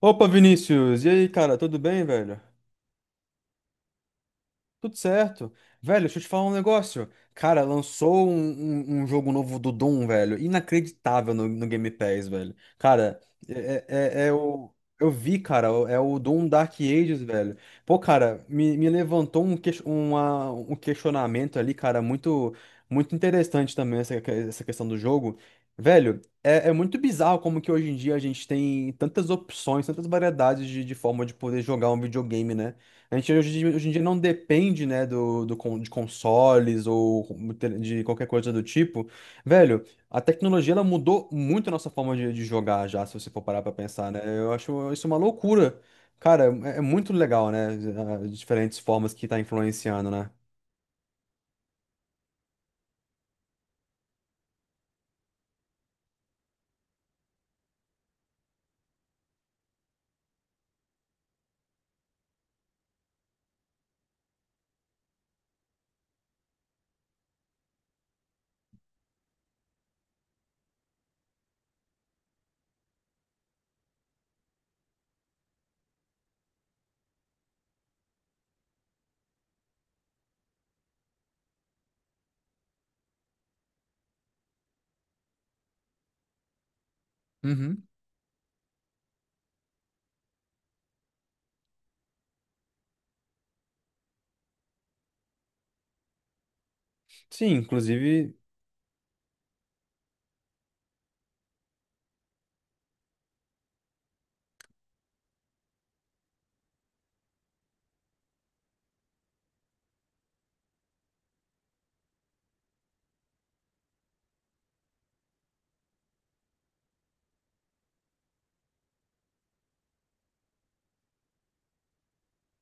Opa, Vinícius! E aí, cara, tudo bem, velho? Tudo certo. Velho, deixa eu te falar um negócio. Cara, lançou um jogo novo do Doom, velho. Inacreditável no Game Pass, velho. Cara, é, é, é é o. Eu vi, cara, é o Doom Dark Ages, velho. Pô, cara, me levantou um questionamento ali, cara, muito, muito interessante também essa questão do jogo. Velho, é muito bizarro como que hoje em dia a gente tem tantas opções, tantas variedades de forma de poder jogar um videogame, né? A gente hoje em dia não depende, né, de consoles ou de qualquer coisa do tipo. Velho, a tecnologia ela mudou muito a nossa forma de jogar já, se você for parar pra pensar, né? Eu acho isso uma loucura. Cara, é muito legal, né? As diferentes formas que tá influenciando, né? Uhum. Sim, inclusive,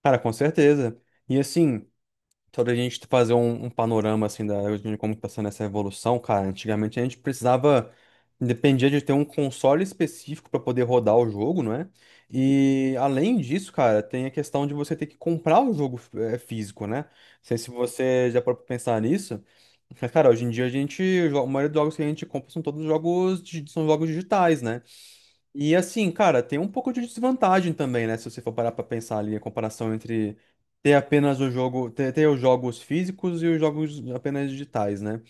cara, com certeza. E assim. Só da gente fazer um panorama assim de como está sendo essa evolução, cara. Antigamente a gente precisava, dependia de ter um console específico para poder rodar o jogo, não é? E além disso, cara, tem a questão de você ter que comprar o jogo físico, né? Não sei se você já parou pra pensar nisso. Mas, cara, hoje em dia a gente, a maioria dos jogos que a gente compra são todos jogos, são jogos digitais, né? E assim, cara, tem um pouco de desvantagem também, né? Se você for parar pra pensar ali a comparação entre ter apenas o jogo, ter os jogos físicos e os jogos apenas digitais, né?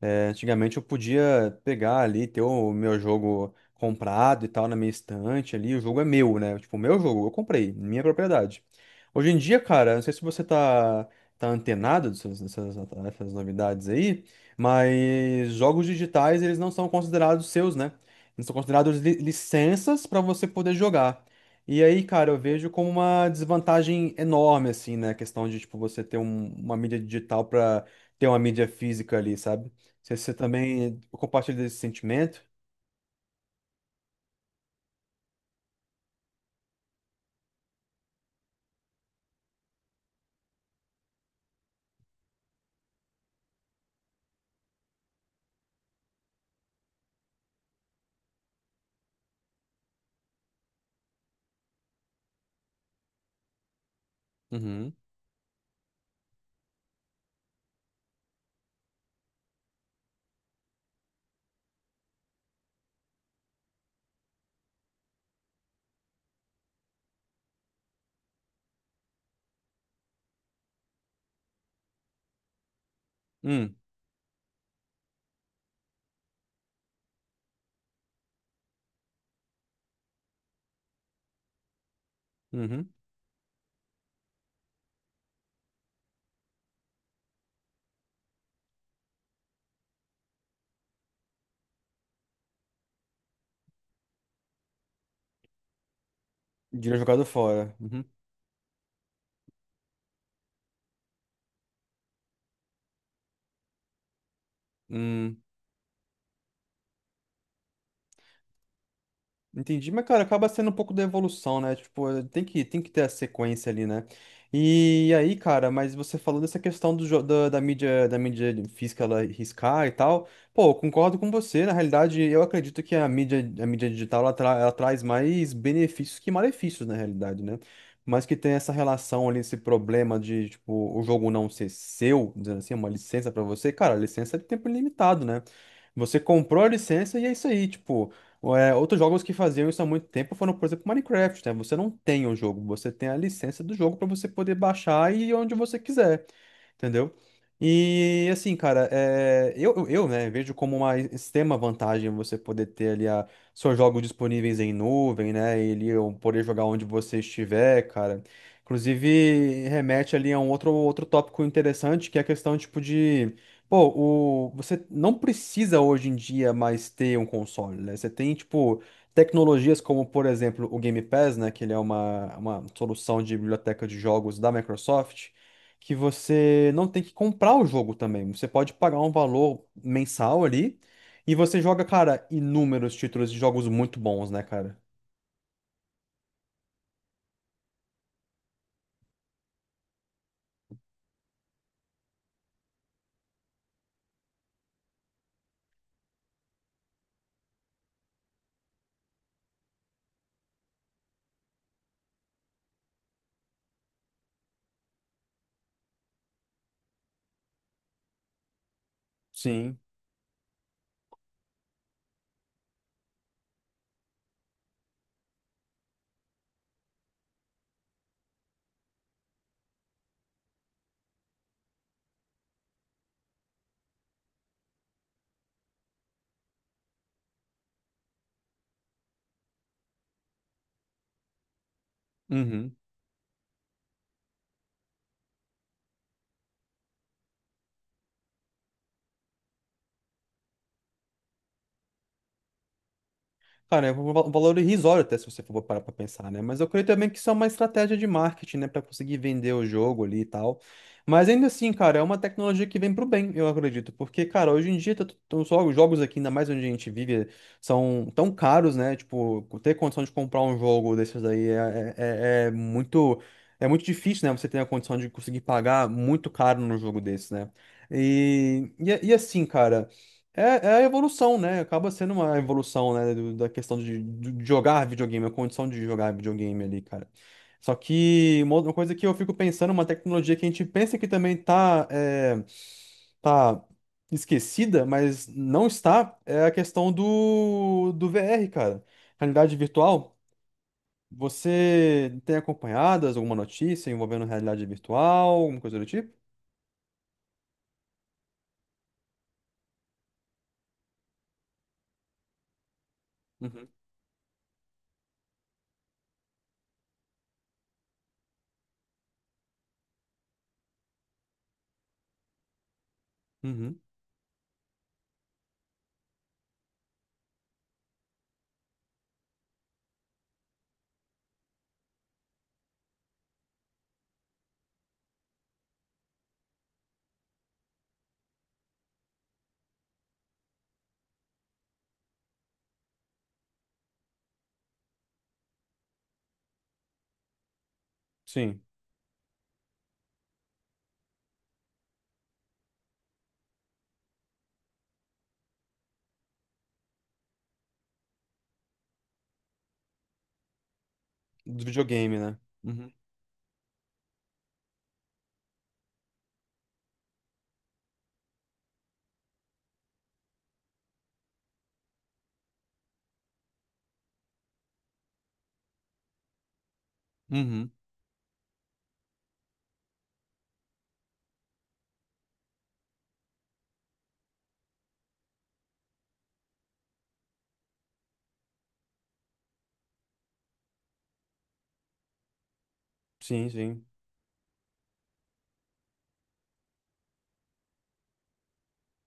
É, antigamente eu podia pegar ali, ter o meu jogo comprado e tal na minha estante ali. O jogo é meu, né? Tipo, o meu jogo, eu comprei, minha propriedade. Hoje em dia, cara, não sei se você tá, tá antenado dessas novidades aí, mas jogos digitais, eles não são considerados seus, né? Eles são considerados licenças para você poder jogar. E aí, cara, eu vejo como uma desvantagem enorme, assim, né? A questão de, tipo, uma mídia digital para ter uma mídia física ali, sabe? Você também tipo, compartilha desse sentimento? Uhum. Hum. Uhum. De jogado fora. Uhum. Hum. Entendi, mas cara, acaba sendo um pouco da evolução, né? Tipo, eh, tem que ter a sequência ali, né? E aí, cara, mas você falou dessa questão do, jo- da, da mídia física ela riscar e tal. Pô, eu concordo com você. Na realidade, eu acredito que a mídia digital ela, ela traz mais benefícios que malefícios, na realidade, né? Mas que tem essa relação ali, esse problema de, tipo, o jogo não ser seu, dizendo assim, é uma licença pra você. Cara, a licença é de tempo ilimitado, né? Você comprou a licença e é isso aí, tipo, é, outros jogos que faziam isso há muito tempo foram, por exemplo, Minecraft, né? Você não tem o jogo, você tem a licença do jogo para você poder baixar e ir onde você quiser. Entendeu? E assim, cara, é, eu, né, vejo como uma extrema vantagem você poder ter ali a, seus jogos disponíveis em nuvem, né? E ali eu poder jogar onde você estiver, cara. Inclusive, remete ali a um outro tópico interessante, que é a questão, tipo, de. Pô, você não precisa hoje em dia mais ter um console, né? Você tem, tipo, tecnologias como, por exemplo, o Game Pass, né? Que ele é uma solução de biblioteca de jogos da Microsoft que você não tem que comprar o jogo também. Você pode pagar um valor mensal ali e você joga, cara, inúmeros títulos de jogos muito bons, né, cara? Sim. Uhum. Cara, é um valor irrisório até se você for parar pra pensar, né? Mas eu creio também que isso é uma estratégia de marketing, né? Pra conseguir vender o jogo ali e tal. Mas ainda assim, cara, é uma tecnologia que vem pro bem, eu acredito. Porque, cara, hoje em dia, tá tão só os jogos aqui, ainda mais onde a gente vive, são tão caros, né? Tipo, ter condição de comprar um jogo desses aí é, é muito... É muito difícil, né? Você ter a condição de conseguir pagar muito caro num jogo desse, né? E assim, cara... É, é a evolução, né? Acaba sendo uma evolução, né? Da questão de jogar videogame, a condição de jogar videogame ali, cara. Só que uma outra coisa que eu fico pensando, uma tecnologia que a gente pensa que também tá, é, tá esquecida, mas não está, é a questão do VR, cara. Realidade virtual. Você tem acompanhado alguma notícia envolvendo realidade virtual, alguma coisa do tipo? Uhum. Uhum. Sim. Do videogame, né? Uhum. Uhum. Sim, sim.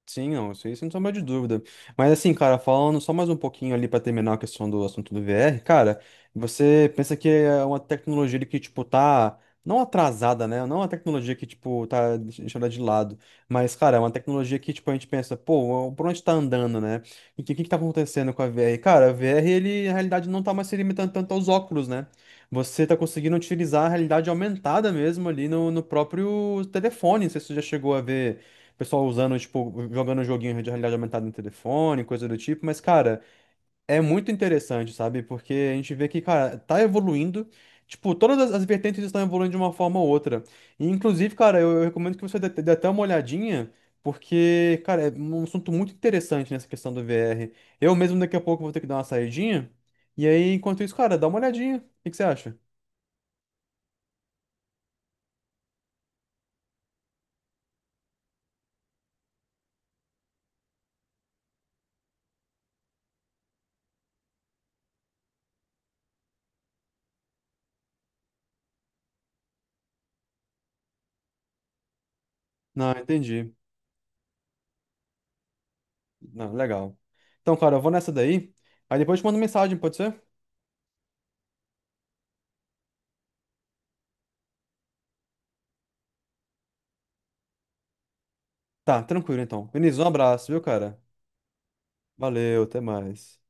Sim, não, isso aí sem sombra de dúvida. Mas assim, cara, falando só mais um pouquinho ali pra terminar a questão do assunto do VR, cara, você pensa que é uma tecnologia ali que, tipo, tá não atrasada, né? Não é uma tecnologia que, tipo, tá deixando ela de lado. Mas, cara, é uma tecnologia que, tipo, a gente pensa, pô, por onde tá andando, né? E o que, que tá acontecendo com a VR? Cara, a VR, ele, na realidade, não tá mais se limitando tanto aos óculos, né? Você tá conseguindo utilizar a realidade aumentada mesmo ali no próprio telefone. Não sei se você já chegou a ver. O pessoal usando, tipo, jogando um joguinho de realidade aumentada no telefone, coisa do tipo. Mas, cara, é muito interessante, sabe? Porque a gente vê que, cara, tá evoluindo. Tipo, todas as as vertentes estão evoluindo de uma forma ou outra. E, inclusive, cara, eu recomendo que dê até uma olhadinha, porque, cara, é um assunto muito interessante nessa questão do VR. Eu mesmo daqui a pouco vou ter que dar uma saidinha. E aí, enquanto isso, cara, dá uma olhadinha. O que que você acha? Não, entendi. Não, legal. Então, cara, eu vou nessa daí. Aí depois eu te mando mensagem, pode ser? Tá, tranquilo então. Vinícius, um abraço, viu, cara? Valeu, até mais.